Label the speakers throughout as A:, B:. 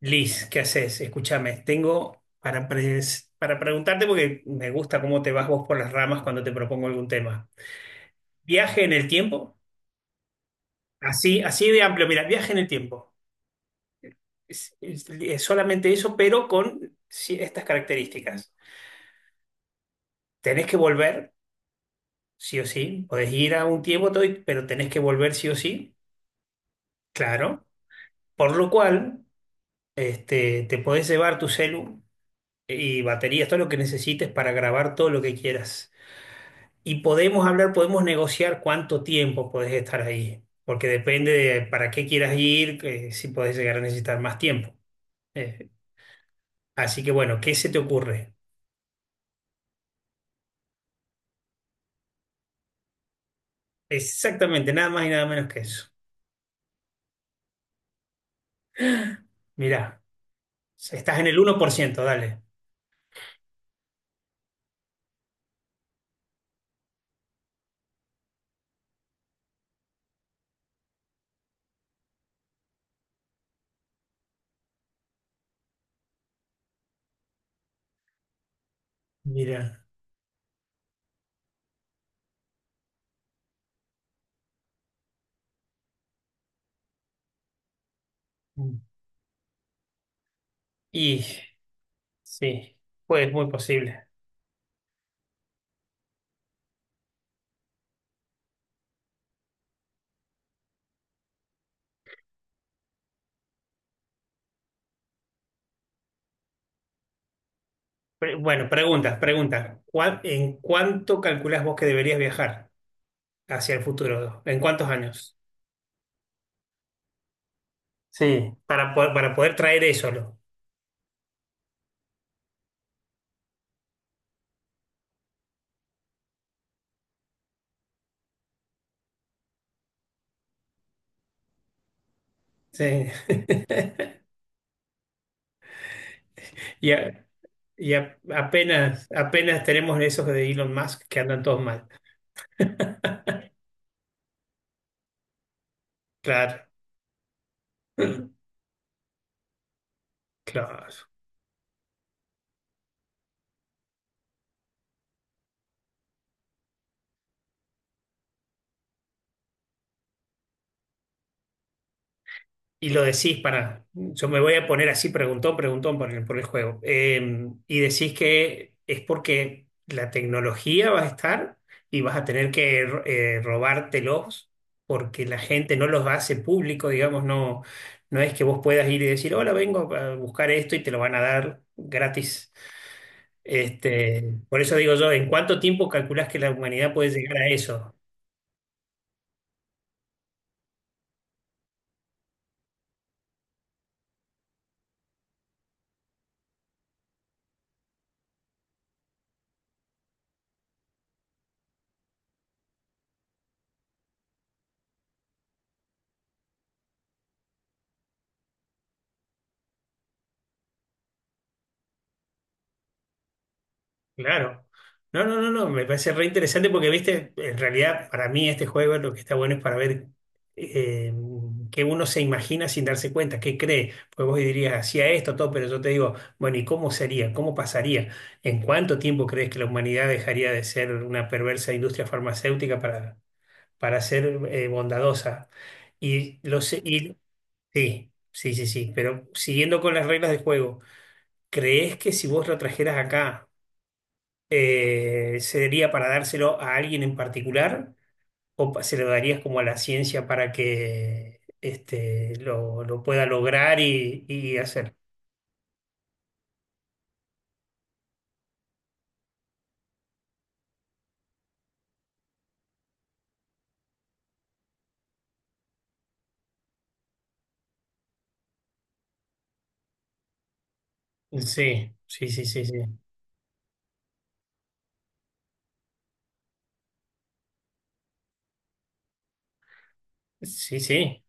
A: Liz, ¿qué haces? Escúchame, tengo para preguntarte porque me gusta cómo te vas vos por las ramas cuando te propongo algún tema. Viaje en el tiempo, así de amplio, mira, viaje en el tiempo. Es solamente eso, pero con estas características. Tenés que volver, sí o sí. Podés ir a un tiempo, todo, pero tenés que volver sí o sí, claro. Por lo cual, te podés llevar tu celu y baterías, todo lo que necesites para grabar todo lo que quieras. Y podemos hablar, podemos negociar cuánto tiempo podés estar ahí, porque depende de para qué quieras ir, que si podés llegar a necesitar más tiempo. Eh, así que bueno, ¿qué se te ocurre? Exactamente, nada más y nada menos que eso. Mirá, estás en el uno por ciento, dale. Mirá. Y sí, pues muy posible. Bueno, preguntas. ¿En cuánto calculás vos que deberías viajar hacia el futuro? ¿En cuántos años? Sí. Para poder traer eso, ¿no? Sí. Y, a- apenas tenemos esos de Elon Musk que andan todos mal. Claro, claro. Y lo decís para, yo me voy a poner así, preguntón por el juego. Y decís que es porque la tecnología va a estar y vas a tener que robártelos porque la gente no los hace público, digamos, no, no es que vos puedas ir y decir, hola, vengo a buscar esto y te lo van a dar gratis. Por eso digo yo, ¿en cuánto tiempo calculás que la humanidad puede llegar a eso? Claro. No, no, no, no, me parece re interesante porque, viste, en realidad para mí este juego lo que está bueno es para ver eh, qué uno se imagina sin darse cuenta, qué cree. Pues vos dirías, hacía esto, todo, pero yo te digo, bueno, ¿y cómo sería? ¿Cómo pasaría? ¿En cuánto tiempo crees que la humanidad dejaría de ser una perversa industria farmacéutica para ser bondadosa? Y, los, sí, sí, sí, sí, pero siguiendo con las reglas del juego, ¿crees que si vos lo trajeras acá, sería para dárselo a alguien en particular o se lo darías como a la ciencia para que lo pueda lograr y hacer? Sí, sí, sí, sí, sí. Sí, sí,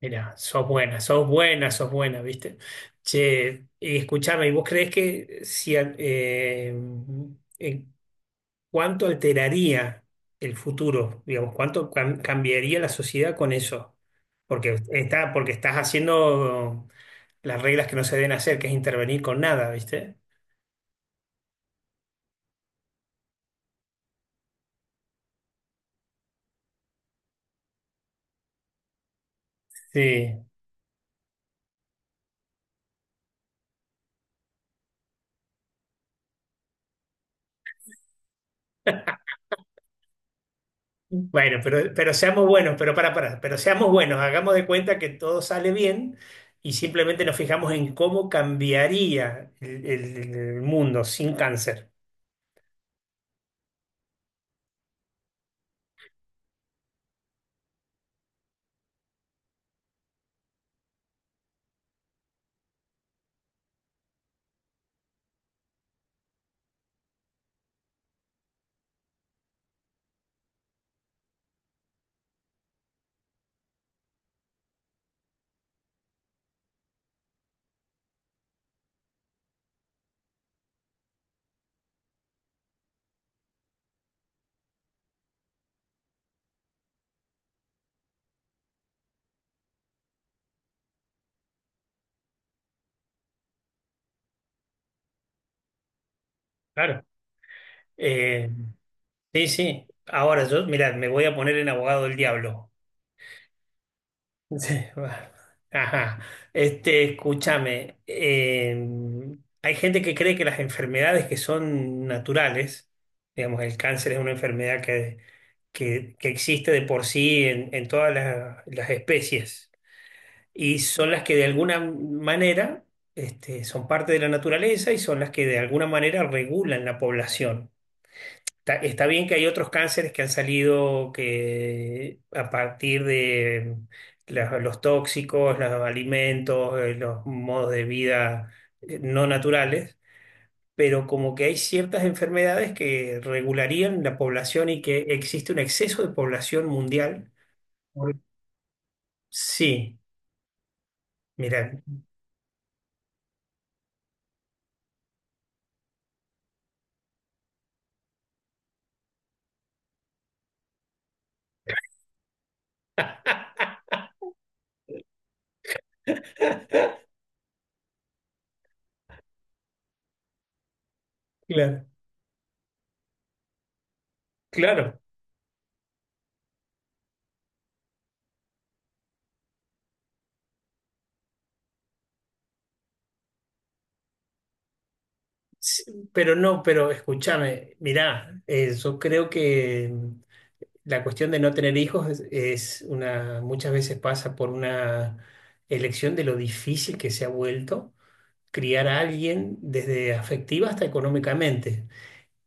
A: mira, sos buena, sos buena, sos buena, ¿viste? Che, y escúchame, ¿y vos crees que si, a- en- ¿cuánto alteraría el futuro? Digamos, ¿cuánto cambiaría la sociedad con eso? Porque estás haciendo las reglas que no se deben hacer, que es intervenir con nada, ¿viste? Sí. Bueno, pero seamos buenos, pero seamos buenos, hagamos de cuenta que todo sale bien y simplemente nos fijamos en cómo cambiaría el mundo sin cáncer. Claro. Eh, sí, sí. Ahora yo, mirá, me voy a poner en abogado del diablo. Sí, bueno. Ajá. Escúchame, hay gente que cree que las enfermedades que son naturales, digamos, el cáncer es una enfermedad que existe de por sí en todas las especies y son las que de alguna manera, son parte de la naturaleza y son las que de alguna manera regulan la población. Está bien que hay otros cánceres que han salido que a partir de los tóxicos, los alimentos, los modos de vida no naturales, pero como que hay ciertas enfermedades que regularían la población y que existe un exceso de población mundial. Por- Sí, mira, claro, claro. Sí, pero no, pero escúchame, mira, yo creo que la cuestión de no tener hijos es una, muchas veces pasa por una elección de lo difícil que se ha vuelto criar a alguien desde afectiva hasta económicamente.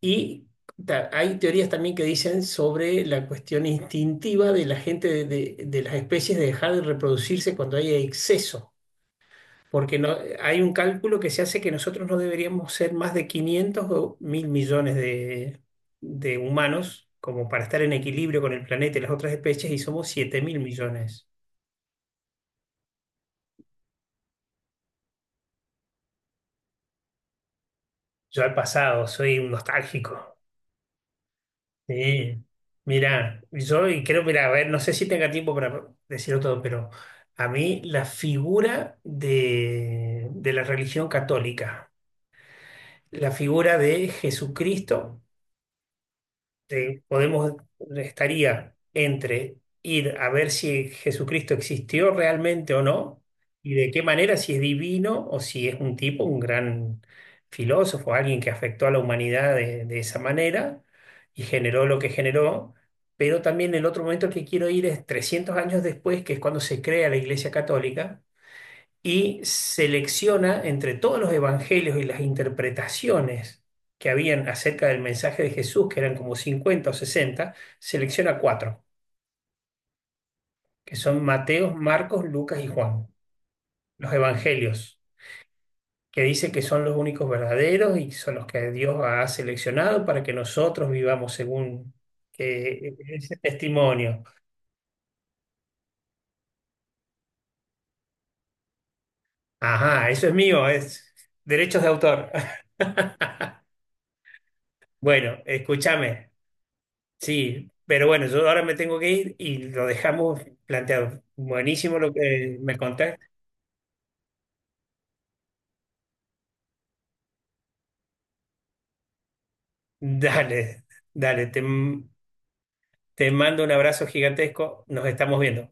A: Y hay teorías también que dicen sobre la cuestión instintiva de la gente, de las especies de dejar de reproducirse cuando hay exceso. Porque no, hay un cálculo que se hace que nosotros no deberíamos ser más de 500 o 1.000 millones de humanos como para estar en equilibrio con el planeta y las otras especies y somos 7.000 millones. Yo al pasado soy un nostálgico. Sí. Mira, yo y creo, mira, a ver, no sé si tenga tiempo para decirlo todo, pero a mí la figura de la religión católica, la figura de Jesucristo te- podemos, estaría entre ir a ver si Jesucristo existió realmente o no, y de qué manera, si es divino o si es un tipo, un gran filósofo, alguien que afectó a la humanidad de esa manera y generó lo que generó. Pero también el otro momento que quiero ir es 300 años después, que es cuando se crea la Iglesia Católica y selecciona entre todos los evangelios y las interpretaciones que habían acerca del mensaje de Jesús, que eran como 50 o 60, selecciona cuatro, que son Mateo, Marcos, Lucas y Juan, los evangelios, que dice que son los únicos verdaderos y son los que Dios ha seleccionado para que nosotros vivamos según ese testimonio. Ajá, eso es mío, es derechos de autor. Bueno, escúchame. Sí, pero bueno, yo ahora me tengo que ir y lo dejamos planteado. Buenísimo lo que me contaste. Dale, dale, te, te mando un abrazo gigantesco. Nos estamos viendo.